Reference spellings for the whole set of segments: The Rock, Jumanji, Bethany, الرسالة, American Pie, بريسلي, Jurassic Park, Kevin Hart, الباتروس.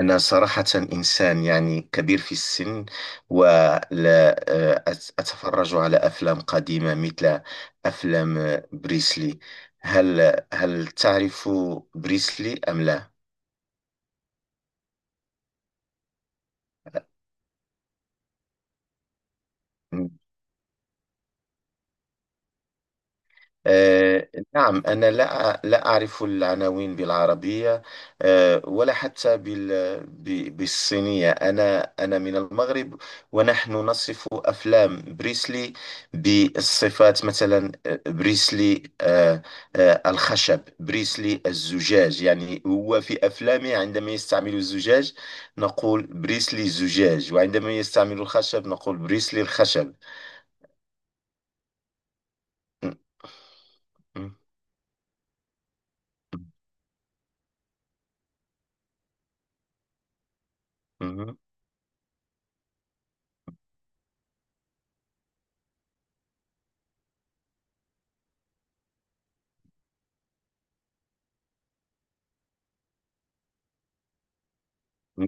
أنا صراحة إنسان، يعني كبير في السن ولا، أتفرج على أفلام قديمة مثل أفلام بريسلي. هل هل تعرف بريسلي أم لا؟ آه، نعم، أنا لا أعرف العناوين بالعربية، ولا حتى بالصينية. أنا من المغرب، ونحن نصف أفلام بريسلي بالصفات، مثلا بريسلي الخشب، بريسلي الزجاج. يعني هو في أفلامه عندما يستعمل الزجاج نقول بريسلي الزجاج، وعندما يستعمل الخشب نقول بريسلي الخشب. م- م- م-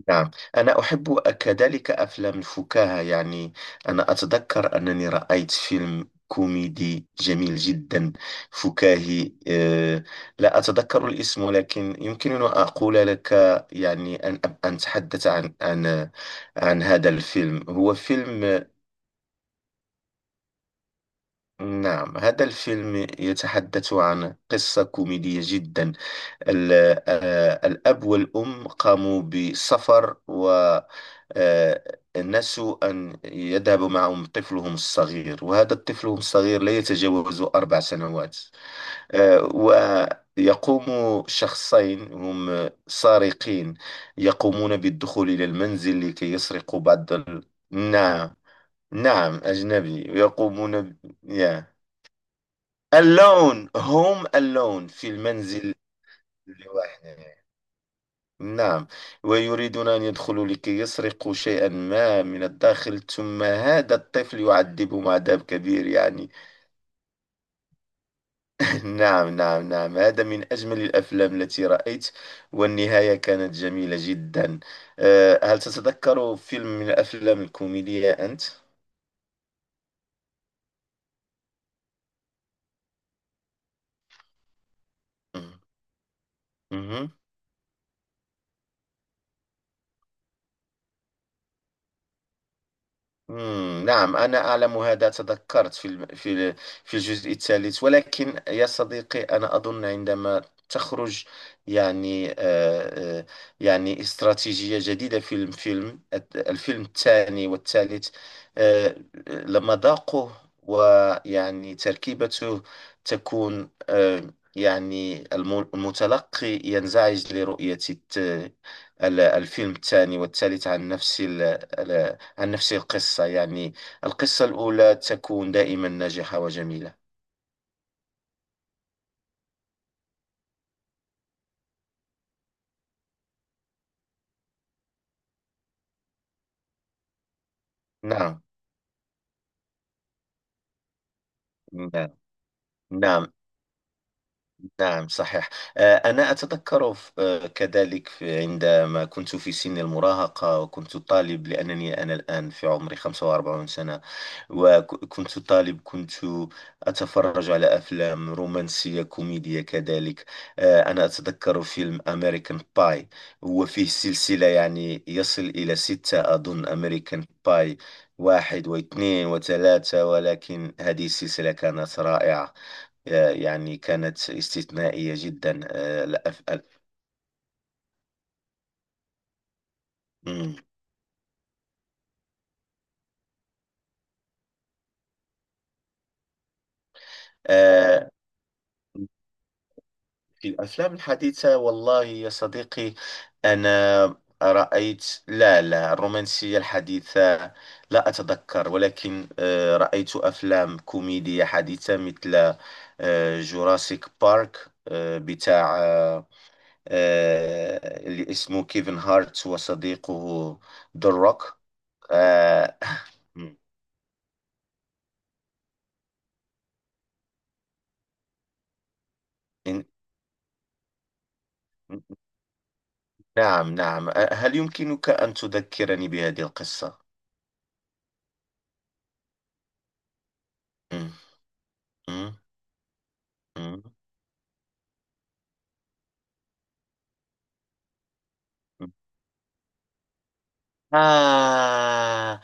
نعم، أنا أحب كذلك أفلام الفكاهة. يعني أنا أتذكر أنني رأيت فيلم كوميدي جميل جدا، فكاهي. لا أتذكر الاسم، ولكن يمكنني أن أقول لك، يعني أن أتحدث عن عن هذا الفيلم. هو فيلم. نعم، هذا الفيلم يتحدث عن قصة كوميدية جدا. ال- الأب والأم قاموا بسفر، و الناس أن يذهب معهم طفلهم الصغير، وهذا الطفل الصغير لا يتجاوز أربع سنوات. آه، ويقوم شخصين هم سارقين، يقومون بالدخول إلى المنزل لكي يسرقوا بعض نعم، نعم أجنبي، ويقومون yeah. alone، هم alone في المنزل، لوحدهم. نعم، ويريدون أن يدخلوا لكي يسرقوا شيئا ما من الداخل، ثم هذا الطفل يعذبهم عذاب كبير يعني. نعم نعم نعم، هذا من أجمل الأفلام التي رأيت، والنهاية كانت جميلة جدا. أه، هل تتذكر فيلم من الأفلام الكوميدية أنت؟ مم. مهم. مم، نعم أنا أعلم هذا، تذكرت في الجزء الثالث. ولكن يا صديقي، أنا أظن عندما تخرج، يعني آه، استراتيجية جديدة في الفيلم، الفيلم الثاني والثالث، آه، لما ذاقه ويعني تركيبته تكون، يعني المتلقي ينزعج لرؤية الفيلم الثاني والثالث عن نفس ال- عن نفس القصة يعني. القصة الأولى تكون دائما ناجحة وجميلة. نعم نعم نعم. نعم صحيح. أنا أتذكر كذلك عندما كنت في سن المراهقة وكنت طالب، لأنني أنا الآن في عمري 45 سنة. وكنت طالب، كنت أتفرج على أفلام رومانسية كوميدية كذلك. أنا أتذكر فيلم أمريكان باي، هو فيه سلسلة يعني يصل إلى ستة أظن، أمريكان باي واحد واثنين وثلاثة، ولكن هذه السلسلة كانت رائعة. يعني كانت استثنائية جدا. مم. آه، في الأفلام الحديثة والله يا صديقي، أنا رأيت، لا، لا، الرومانسية الحديثة لا أتذكر. ولكن رأيت أفلام كوميدية حديثة مثل جوراسيك بارك، بتاع اللي اسمه كيفن هارت وصديقه ذا روك. آه، إن- نعم نعم، هل يمكنك أن تذكرني بهذه القصة؟ مم، مم، مم. آه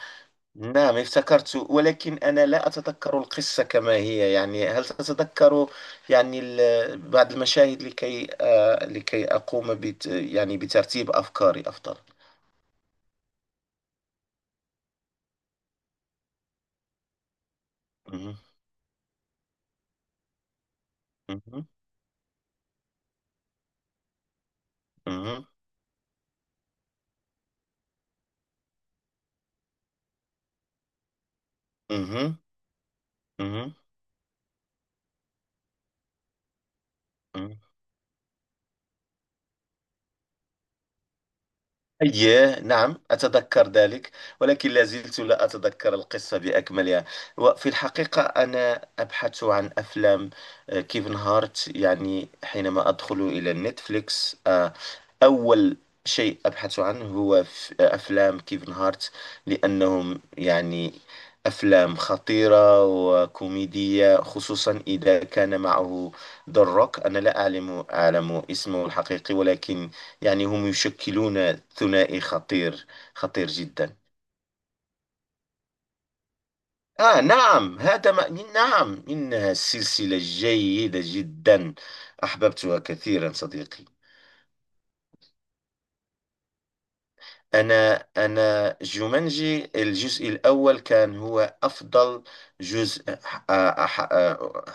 نعم، افتكرت، ولكن أنا لا أتذكر القصة كما هي. يعني هل تتذكر يعني بعض المشاهد، لكي آه لكي أقوم بت، يعني بترتيب أفكاري أفضل. مهم، مهم، مهم، مهم، مهم، مهم. أيه نعم، أتذكر ذلك، ولكن لا زلت لا أتذكر القصة بأكملها. وفي الحقيقة أنا أبحث عن أفلام، كيف انهارت. يعني حينما أدخل إلى نتفليكس، أول شيء أبحث عنه هو أفلام كيفن هارت، لأنهم يعني أفلام خطيرة وكوميدية، خصوصا إذا كان معه ذا روك. أنا لا أعلم اسمه الحقيقي، ولكن يعني هم يشكلون ثنائي خطير، خطير جدا. آه نعم، هذا ما، نعم إنها سلسلة جيدة جدا، أحببتها كثيرا صديقي. أنا جومانجي الجزء الأول كان هو أفضل جزء، ح-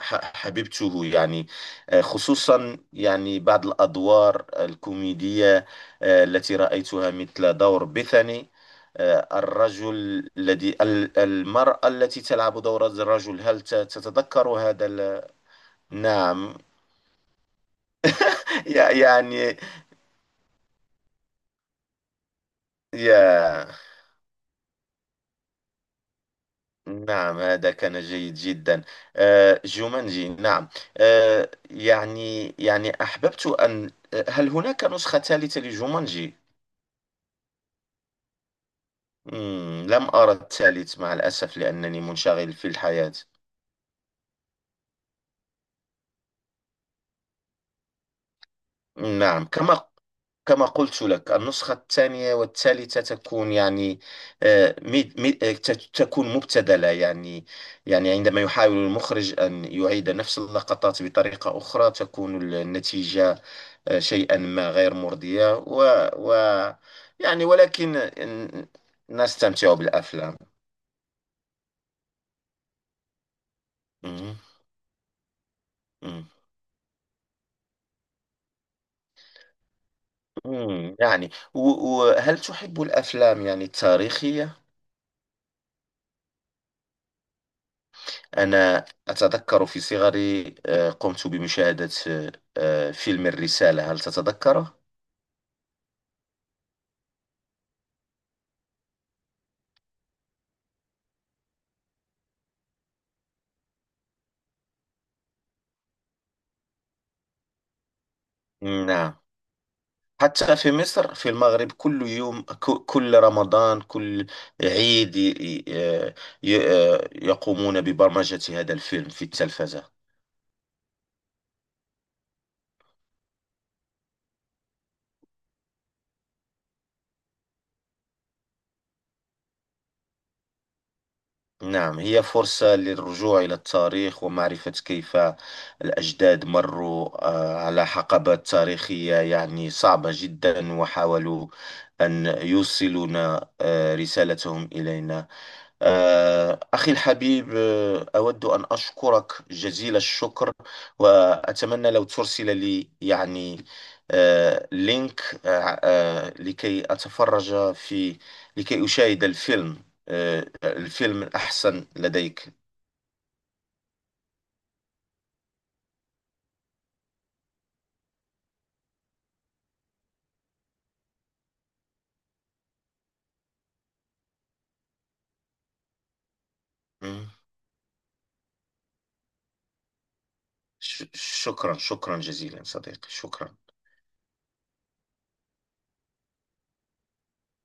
حببته يعني. خصوصا يعني بعض الأدوار الكوميدية التي رأيتها، مثل دور بيثاني. الرجل الذي المرأة التي تلعب دور الرجل، هل تتذكر هذا نعم. يعني يا، نعم هذا كان جيد جدا. جومانجي نعم. يعني أحببت أن، هل هناك نسخة ثالثة لجومانجي؟ مم، لم أرى الثالث مع الأسف، لأنني منشغل في الحياة. نعم، كما قلت لك النسخة الثانية والثالثة تكون يعني آه، ميد- ميد- آه، ت- تكون مبتذلة يعني. يعني عندما يحاول المخرج أن يعيد نفس اللقطات بطريقة أخرى تكون النتيجة شيئا ما غير مرضية، و يعني، ولكن ن- نستمتع بالأفلام. مم. مم. مم. يعني وهل تحب الأفلام يعني التاريخية؟ أنا أتذكر في صغري قمت بمشاهدة فيلم الرسالة، هل تتذكره؟ نعم، حتى في مصر في المغرب كل يوم، كل رمضان، كل عيد ي- آه، ي- يقومون ببرمجة هذا الفيلم في التلفزة. نعم، هي فرصة للرجوع إلى التاريخ ومعرفة كيف الأجداد مروا على حقبات تاريخية يعني صعبة جدا، وحاولوا أن يوصلون رسالتهم إلينا. أخي الحبيب، أود أن أشكرك جزيل الشكر، وأتمنى لو ترسل لي يعني لينك، لكي أتفرج في، لكي أشاهد الفيلم الفيلم الأحسن لديك. مم. شكرا، شكرا جزيلا صديقي، شكرا.